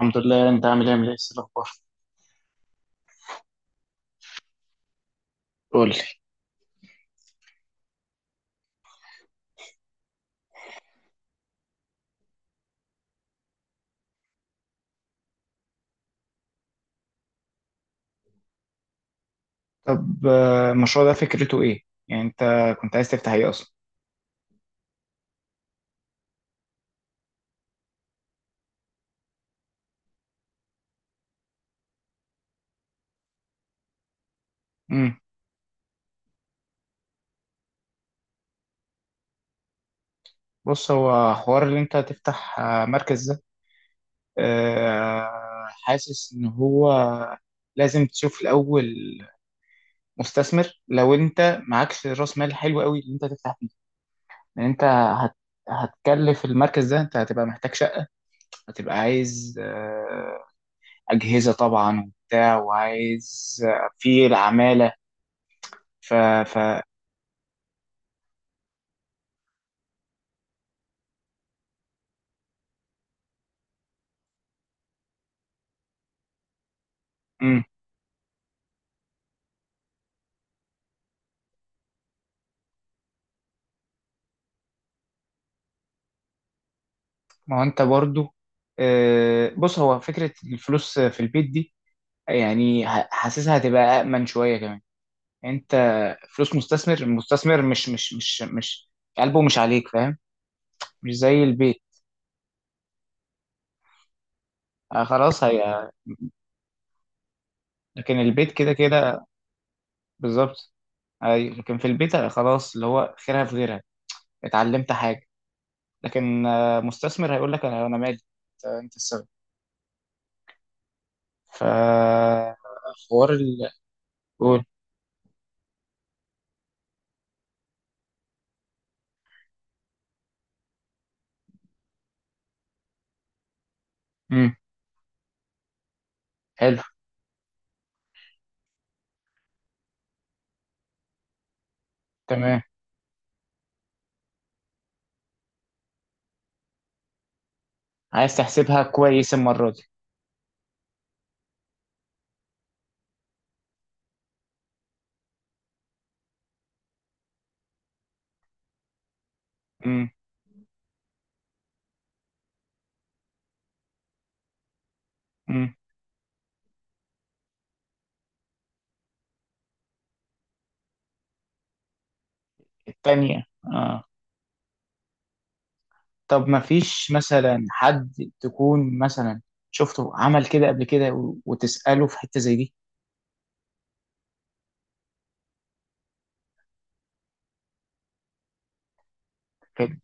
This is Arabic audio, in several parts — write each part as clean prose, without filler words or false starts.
الحمد لله. انت عامل ايه، الاخبار؟ قول لي. طب المشروع ده فكرته ايه؟ يعني انت كنت عايز تفتح ايه اصلا؟ امم. بص، هو حوار اللي انت تفتح مركز ده، حاسس ان هو لازم تشوف الاول مستثمر. لو انت معكش راس مال حلو قوي اللي انت تفتح فيه، لان انت هتكلف المركز ده، انت هتبقى محتاج شقة، هتبقى عايز اجهزة طبعا وبتاع، وعايز في العمالة. ف ف ما هو انت برضو، بص، هو فكرة الفلوس في البيت دي يعني حاسسها هتبقى أأمن شوية كمان. انت فلوس مستثمر، المستثمر مش قلبه مش عليك، فاهم؟ مش زي البيت. خلاص، هي لكن البيت كده كده. بالظبط. أي، لكن في البيت خلاص، اللي هو خيرها في غيرها، اتعلمت حاجة. لكن مستثمر هيقول لك أنا مالي، أنت السبب. فحوار قول. مم. حلو. تمام. عايز تحسبها كويس المرة دي. امم. امم. التانية، اه. طب ما فيش مثلا حد تكون مثلا شفته عمل كده قبل كده وتسأله في حتة زي دي؟ كده،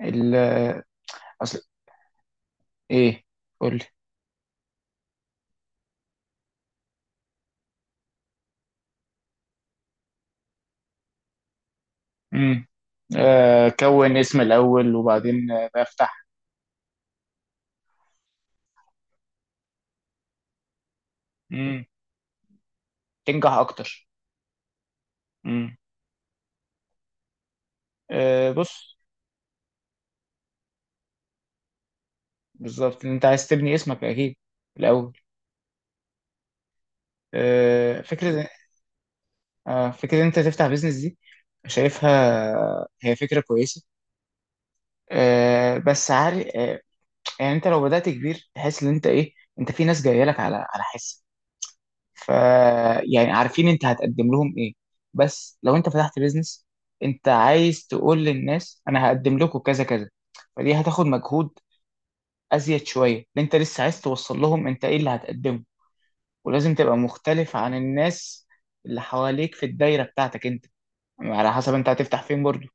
ال اصل، ايه، قول لي. امم. آه، كون اسم الأول وبعدين بفتح. امم، تنجح أكتر. امم. آه بص، بالظبط انت عايز تبني اسمك أكيد الأول. آه، فكرة، فكرة إن أنت تفتح بيزنس دي، شايفها هي فكرة كويسة. بس عارف، يعني أنت لو بدأت كبير تحس إن أنت إيه، أنت في ناس جاية لك على حس، ف يعني عارفين أنت هتقدم لهم إيه. بس لو أنت فتحت بيزنس أنت عايز تقول للناس أنا هقدم لكم كذا كذا، فدي هتاخد مجهود أزيد شوية، لأن أنت لسه عايز توصل لهم أنت إيه اللي هتقدمه، ولازم تبقى مختلف عن الناس اللي حواليك في الدايرة بتاعتك أنت، على حسب أنت هتفتح فين برضه.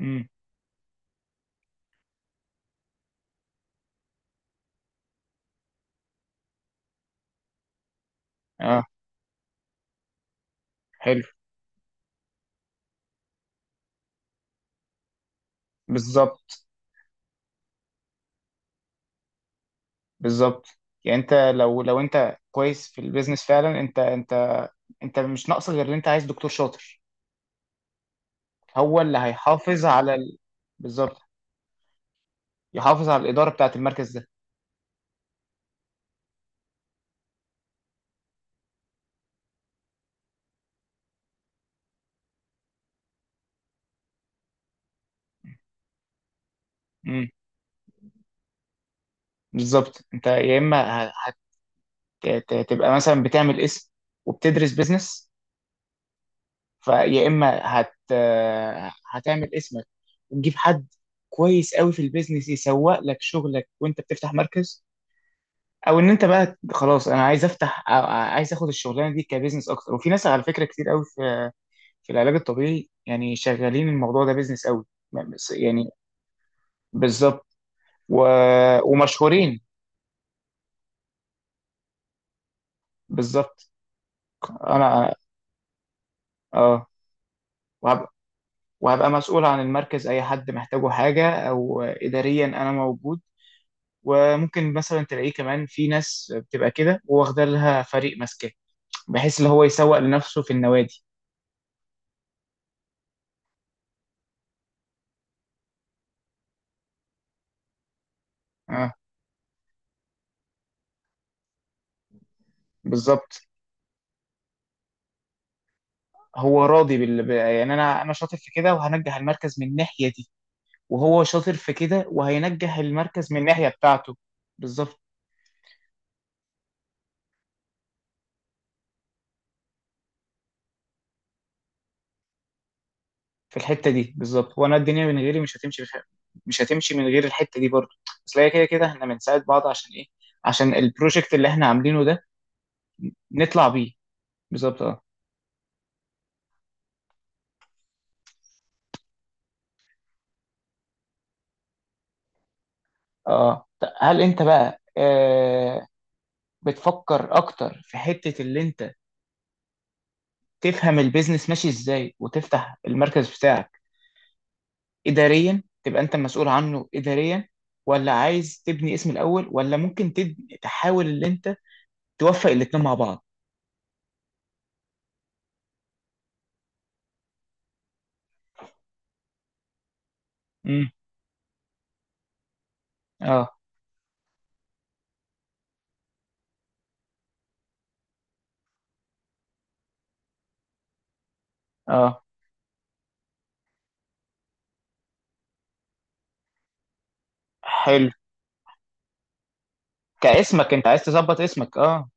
امم، اه، حلو، بالظبط. بالظبط، يعني انت لو انت كويس في البيزنس فعلا، انت انت مش ناقص غير ان انت عايز دكتور شاطر، هو اللي هيحافظ على بالظبط، يحافظ على الاداره بتاعه المركز ده. امم. بالظبط، انت يا اما هتبقى مثلا بتعمل اسم وبتدرس بيزنس، فيا اما هتعمل اسمك وتجيب حد كويس قوي في البيزنس يسوق لك شغلك وانت بتفتح مركز، او ان انت بقى خلاص انا عايز افتح أو عايز اخد الشغلانه دي كبزنس اكتر. وفي ناس على فكره كتير قوي في في العلاج الطبيعي يعني شغالين الموضوع ده بزنس قوي، يعني بالظبط. و... ومشهورين، بالظبط. انا، اه، وهبقى, وهبقى مسؤول عن المركز، اي حد محتاجه حاجه او اداريا انا موجود. وممكن مثلا تلاقيه كمان، في ناس بتبقى كده واخده لها فريق ماسكاه، بحيث اللي هو يسوق لنفسه في النوادي. اه، بالظبط. هو راضي يعني انا شاطر في كده وهنجح المركز من الناحيه دي، وهو شاطر في كده وهينجح المركز من الناحيه بتاعته. بالظبط في الحته دي. بالظبط، وانا الدنيا من غيري مش هتمشي مش هتمشي من غير الحته دي برضه، بس هي كده كده احنا بنساعد بعض عشان ايه، عشان البروجكت اللي احنا عاملينه ده نطلع بيه. بالظبط، اه. اه هل انت بقى آه، بتفكر اكتر في حته اللي انت تفهم البيزنس ماشي ازاي وتفتح المركز بتاعك، إداريا تبقى أنت مسؤول عنه إداريا؟ ولا عايز تبني اسم الأول؟ ولا ممكن تبني تحاول إن أنت توفق الاتنين مع بعض؟ امم، اه، اه، حلو. كاسمك، أنت عايز تظبط اسمك، اه.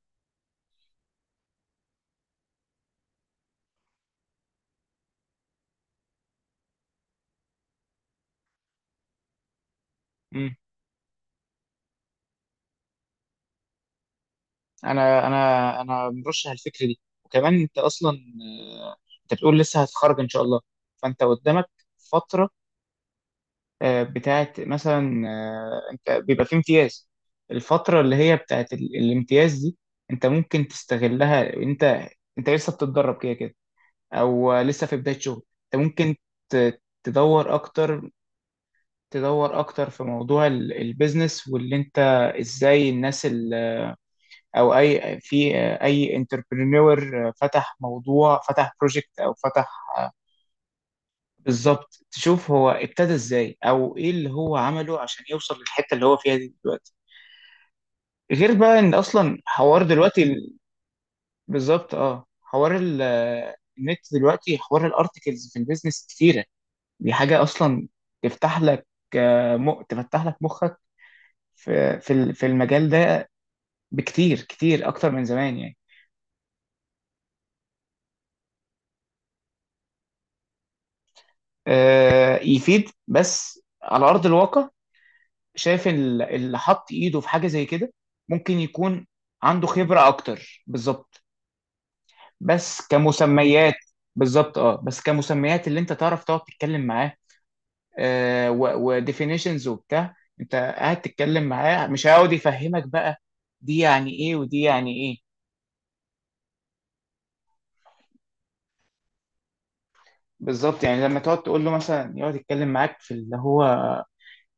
امم. أنا مرشح الفكرة دي. وكمان أنت أصلا، آه، أنت بتقول لسه هتخرج إن شاء الله، فأنت قدامك فترة، بتاعت مثلا انت بيبقى في امتياز. الفترة اللي هي بتاعت الامتياز دي انت ممكن تستغلها. انت انت لسه بتتدرب كده كده، او لسه في بداية شغل، انت ممكن تدور اكتر، تدور اكتر في موضوع البيزنس، واللي انت ازاي الناس او اي في آه، اي انتربرينور فتح موضوع، فتح بروجكت او فتح، بالظبط، تشوف هو ابتدى ازاي او ايه اللي هو عمله عشان يوصل للحته اللي هو فيها دي دلوقتي. غير بقى ان اصلا حوار دلوقتي بالظبط، اه، حوار النت دلوقتي، حوار الارتكلز في البيزنس كتيره، دي حاجه اصلا تفتح لك، تفتح لك مخك في في المجال ده بكتير، كتير اكتر من زمان يعني. يفيد، بس على ارض الواقع شايف اللي حط ايده في حاجه زي كده ممكن يكون عنده خبره اكتر، بالظبط. بس كمسميات، بالظبط، اه، بس كمسميات اللي انت تعرف تقعد تتكلم معاه، آه، وديفينيشنز وبتاع. انت قاعد تتكلم معاه مش هيقعد يفهمك بقى دي يعني ايه ودي يعني ايه. بالظبط، يعني لما تقعد تقول له مثلا، يقعد يتكلم معاك في اللي هو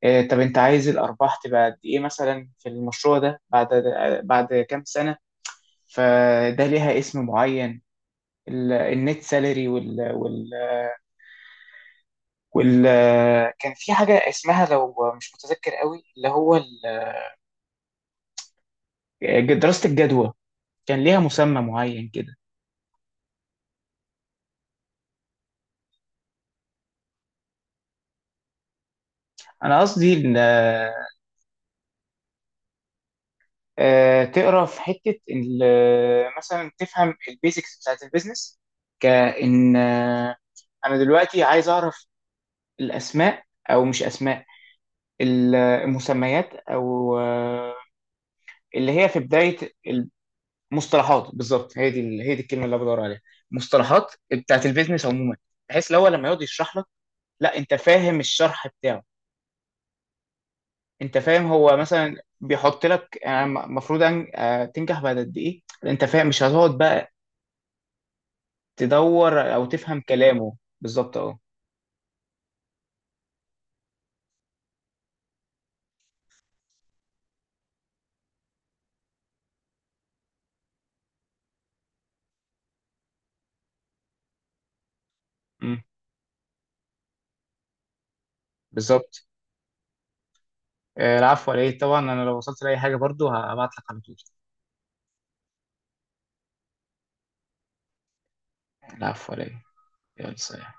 آه، طب انت عايز الارباح تبقى قد ايه مثلا في المشروع ده بعد بعد كام سنه، فده ليها اسم معين. النت سالري، وال وال وال كان في حاجة اسمها لو مش متذكر قوي اللي هو دراسة الجدوى، كان ليها مسمى معين كده. أنا قصدي إن تقرا في حتة، إن مثلا تفهم البيزكس بتاعت البيزنس، كإن أنا دلوقتي عايز أعرف الأسماء، أو مش أسماء، المسميات، أو اللي هي في بداية، مصطلحات. بالظبط، هي دي الكلمه اللي أنا بدور عليها، مصطلحات بتاعت البيزنس عموما، بحيث لو هو لما يقعد يشرح لك، لا انت فاهم الشرح بتاعه، انت فاهم هو مثلا بيحط لك المفروض ان تنجح بعد قد ايه، انت فاهم، مش هتقعد بقى تدور او تفهم كلامه بالظبط، اه. أمم، بالظبط. العفو عليه طبعا، انا لو وصلت لاي حاجه برضو هبعت لك على طول. العفو عليه. يلا، سلام.